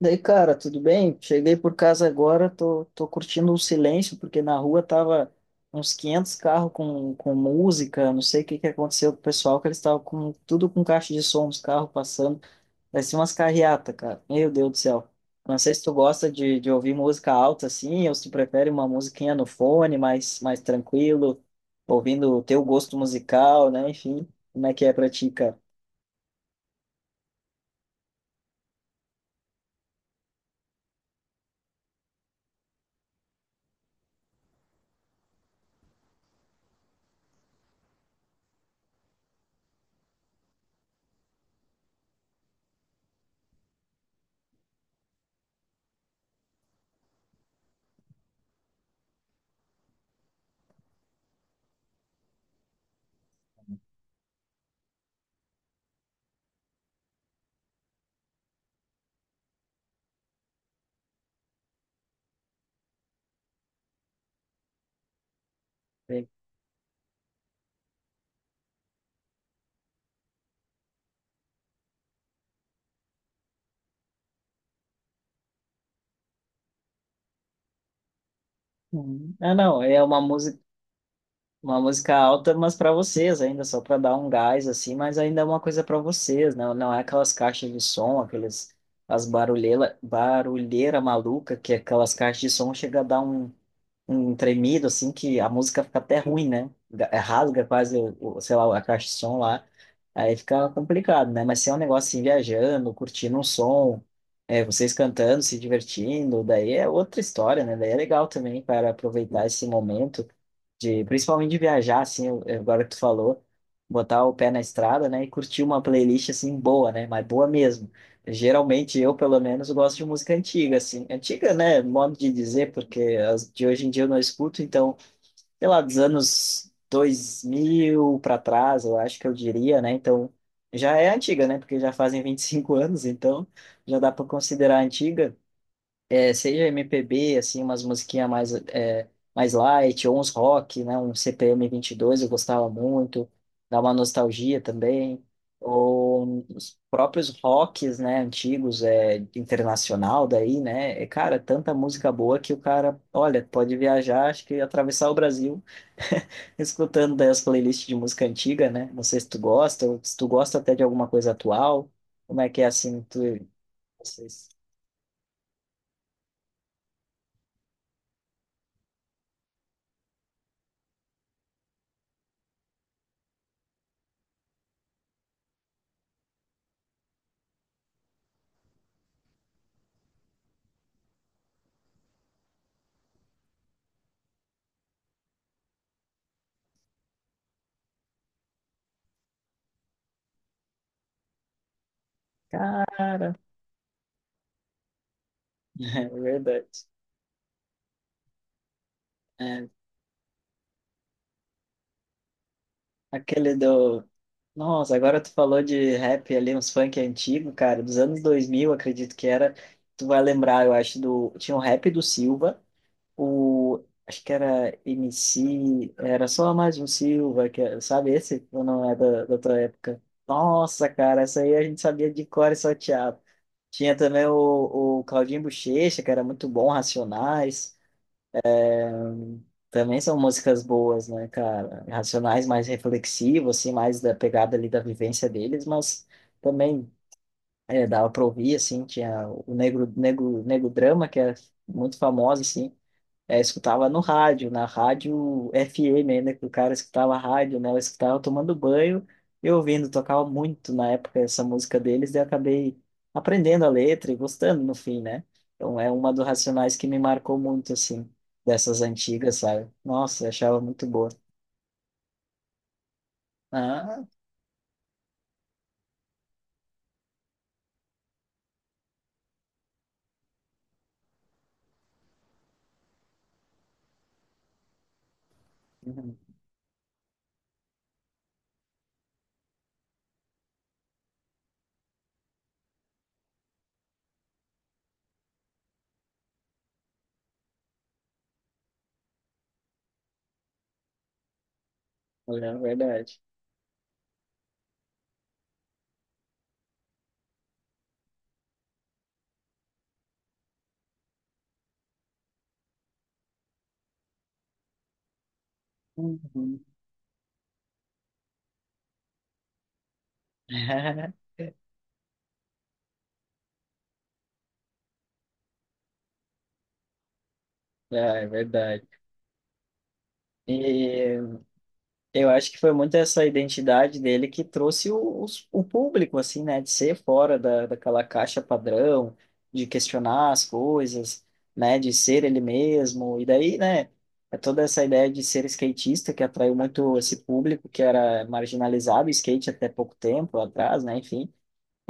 Daí, cara, tudo bem? Cheguei por casa agora, tô curtindo o silêncio, porque na rua tava uns 500 carros com música, não sei o que que aconteceu com o pessoal, que eles estavam com tudo com caixa de som, os carros passando, parecia umas carreata, cara. Meu Deus do céu. Não sei se tu gosta de ouvir música alta assim, ou se tu prefere uma musiquinha no fone, mais tranquilo, ouvindo o teu gosto musical, né? Enfim, como é que é pra ti, cara? Uhum. Ah, não, é uma música. Uma música alta, mas para vocês ainda, só para dar um gás assim, mas ainda é uma coisa para vocês, não, não é aquelas caixas de som, aqueles as barulheira, barulheira maluca, que aquelas caixas de som chega a dar um, um tremido assim que a música fica até ruim, né? Rasga quase, o, sei lá, a caixa de som lá. Aí fica complicado, né? Mas se é um negócio assim, viajando, curtindo um som, é, vocês cantando, se divertindo, daí é outra história, né? Daí é legal também para aproveitar esse momento de principalmente de viajar, assim, agora que tu falou, botar o pé na estrada, né, e curtir uma playlist, assim, boa, né, mas boa mesmo. Geralmente eu, pelo menos, gosto de música antiga, assim, antiga, né, modo de dizer, porque as de hoje em dia eu não escuto, então, sei lá, dos anos 2000 para trás, eu acho que eu diria, né, então, já é antiga, né, porque já fazem 25 anos, então, já dá para considerar antiga, é, seja MPB, assim, umas musiquinhas mais, é, mais light, ou uns rock, né? Um CPM dois eu gostava muito, dá uma nostalgia também. Ou os próprios rocks, né, antigos, é, internacional daí, né? É, cara, tanta música boa que o cara, olha, pode viajar, acho que atravessar o Brasil escutando daí as playlists de música antiga, né? Não sei se tu gosta, ou se tu gosta até de alguma coisa atual, como é que é assim, tu... vocês- Cara, é verdade. É, aquele do. Nossa, agora tu falou de rap ali, uns funk antigo, cara, dos anos 2000 acredito que era. Tu vai lembrar, eu acho, do. Tinha o rap do Silva, o. Acho que era MC, era só mais um Silva, que é- sabe esse? Ou não é da tua época? Nossa, cara, essa aí a gente sabia de cor e salteado. Tinha também o Claudinho Bochecha, que era muito bom, Racionais. Também são músicas boas, né, cara? Racionais mais reflexivo, assim, mais da pegada ali da vivência deles, mas também é, dava pra ouvir, assim, tinha o Negro Drama, que é muito famosa, assim, é, escutava no rádio, na rádio FM ainda, que o cara escutava rádio, né? Eu escutava tomando banho e ouvindo, tocava muito na época essa música deles, e eu acabei aprendendo a letra e gostando no fim, né? Então é uma dos Racionais que me marcou muito, assim, dessas antigas, sabe? Nossa, eu achava muito boa. Ah, uhum, é verdade. Uhum. Ah, é verdade. E eu acho que foi muito essa identidade dele que trouxe o, o público, assim, né? De ser fora da, daquela caixa padrão, de questionar as coisas, né? De ser ele mesmo. E daí, né? É toda essa ideia de ser skatista que atraiu muito esse público que era marginalizado, o skate até pouco tempo atrás, né? Enfim.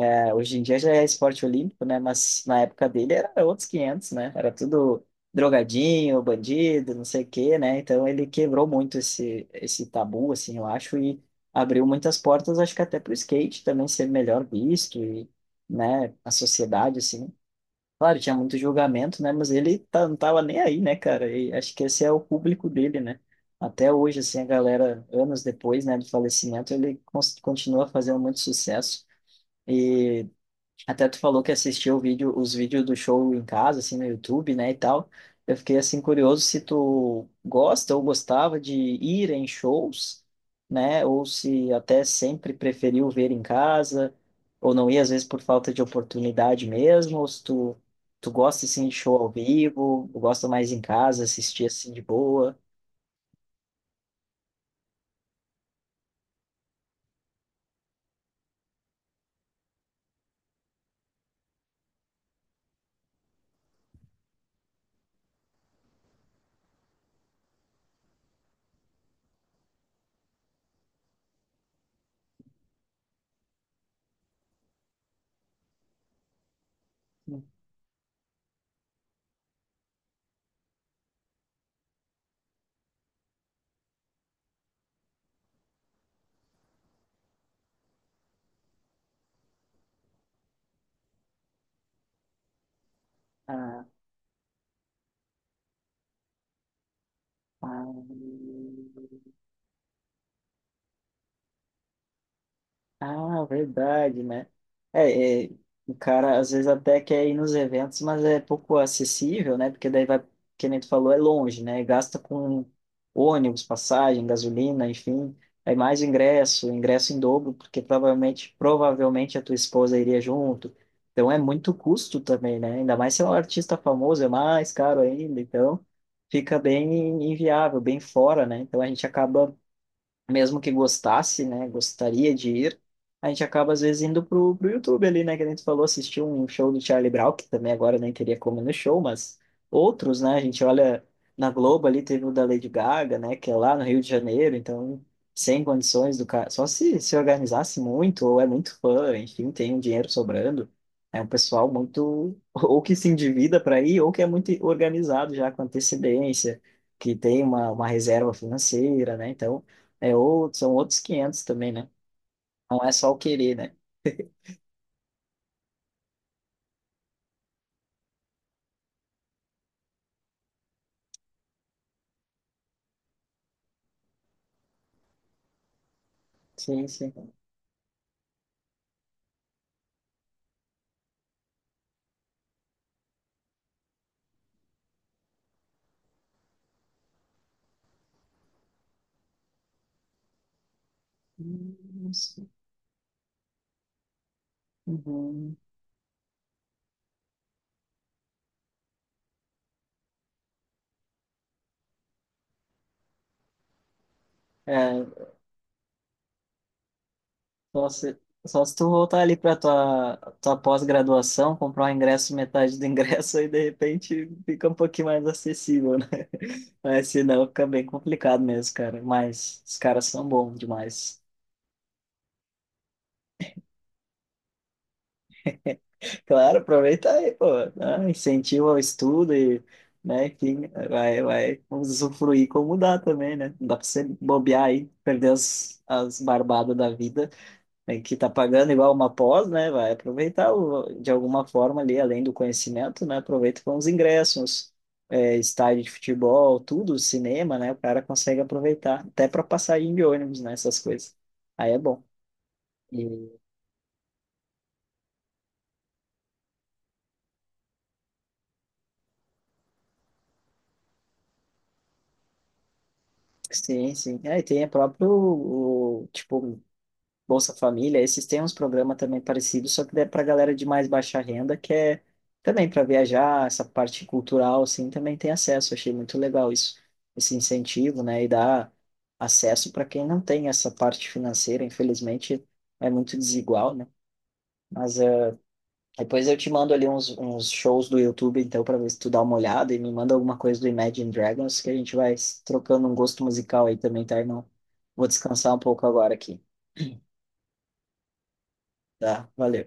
É, hoje em dia já é esporte olímpico, né? Mas na época dele era outros 500, né? Era tudo drogadinho, bandido, não sei o quê, né? Então ele quebrou muito esse, esse tabu, assim, eu acho, e abriu muitas portas, acho que até para o skate também ser melhor visto e, né, a sociedade, assim. Claro, tinha muito julgamento, né? Mas ele tá, não tava nem aí, né, cara? E acho que esse é o público dele, né? Até hoje, assim, a galera, anos depois, né, do falecimento, ele continua fazendo muito sucesso. E até tu falou que assistiu o vídeo, os vídeos do show em casa, assim, no YouTube, né, e tal. Eu fiquei, assim, curioso se tu gosta ou gostava de ir em shows, né, ou se até sempre preferiu ver em casa, ou não ia, às vezes, por falta de oportunidade mesmo, ou se tu, tu gosta, assim, de show ao vivo, ou gosta mais em casa, assistir, assim, de boa. Ah, ah. Ah, verdade, né? É, é, o cara às vezes até quer ir nos eventos, mas é pouco acessível, né? Porque daí vai, que nem tu falou, é longe, né? Gasta com ônibus, passagem, gasolina, enfim. Aí mais ingresso, ingresso em dobro, porque provavelmente a tua esposa iria junto. Então é muito custo também, né? Ainda mais se é um artista famoso, é mais caro ainda. Então fica bem inviável, bem fora, né? Então a gente acaba mesmo que gostasse, né, gostaria de ir, a gente acaba às vezes indo pro YouTube ali, né, que a gente falou, assistiu um show do Charlie Brown, que também agora nem teria como ir no show, mas outros, né, a gente olha na Globo ali, teve o da Lady Gaga, né, que é lá no Rio de Janeiro, então sem condições do cara, só se se organizasse muito, ou é muito fã, enfim, tem um dinheiro sobrando, é um pessoal muito, ou que se endivida para ir, ou que é muito organizado já com antecedência, que tem uma reserva financeira, né, então é outro, são outros 500 também, né? Não é só o querer, né? Sim, sim. Uhum. É, só se, só se tu voltar ali para tua, tua pós-graduação, comprar um ingresso, metade do ingresso, aí de repente fica um pouquinho mais acessível, né? Mas senão fica bem complicado mesmo, cara. Mas os caras são bons demais. Claro, aproveita aí, pô, né? Incentiva o estudo e, né, quem vai, vai usufruir como dá também, né? Não dá pra você bobear aí, perder as, as barbadas da vida, né, que tá pagando igual uma pós, né? Vai aproveitar de alguma forma ali, além do conhecimento, né? Aproveita com os ingressos, é, estádio de futebol, tudo, cinema, né? O cara consegue aproveitar, até para passagem de ônibus, né? Essas coisas. Aí é bom. E- Sim, sim. É, e tem a próprio, o, tipo, Bolsa Família, esses têm uns programas também parecidos, só que é para galera de mais baixa renda, que é também para viajar, essa parte cultural, assim, também tem acesso. Eu achei muito legal isso, esse incentivo, né? E dá acesso para quem não tem essa parte financeira, infelizmente é muito desigual, né? Mas eh, depois eu te mando ali uns, uns shows do YouTube, então, para ver se tu dá uma olhada e me manda alguma coisa do Imagine Dragons, que a gente vai trocando um gosto musical aí também, tá, irmão? Vou descansar um pouco agora aqui, tá? Valeu.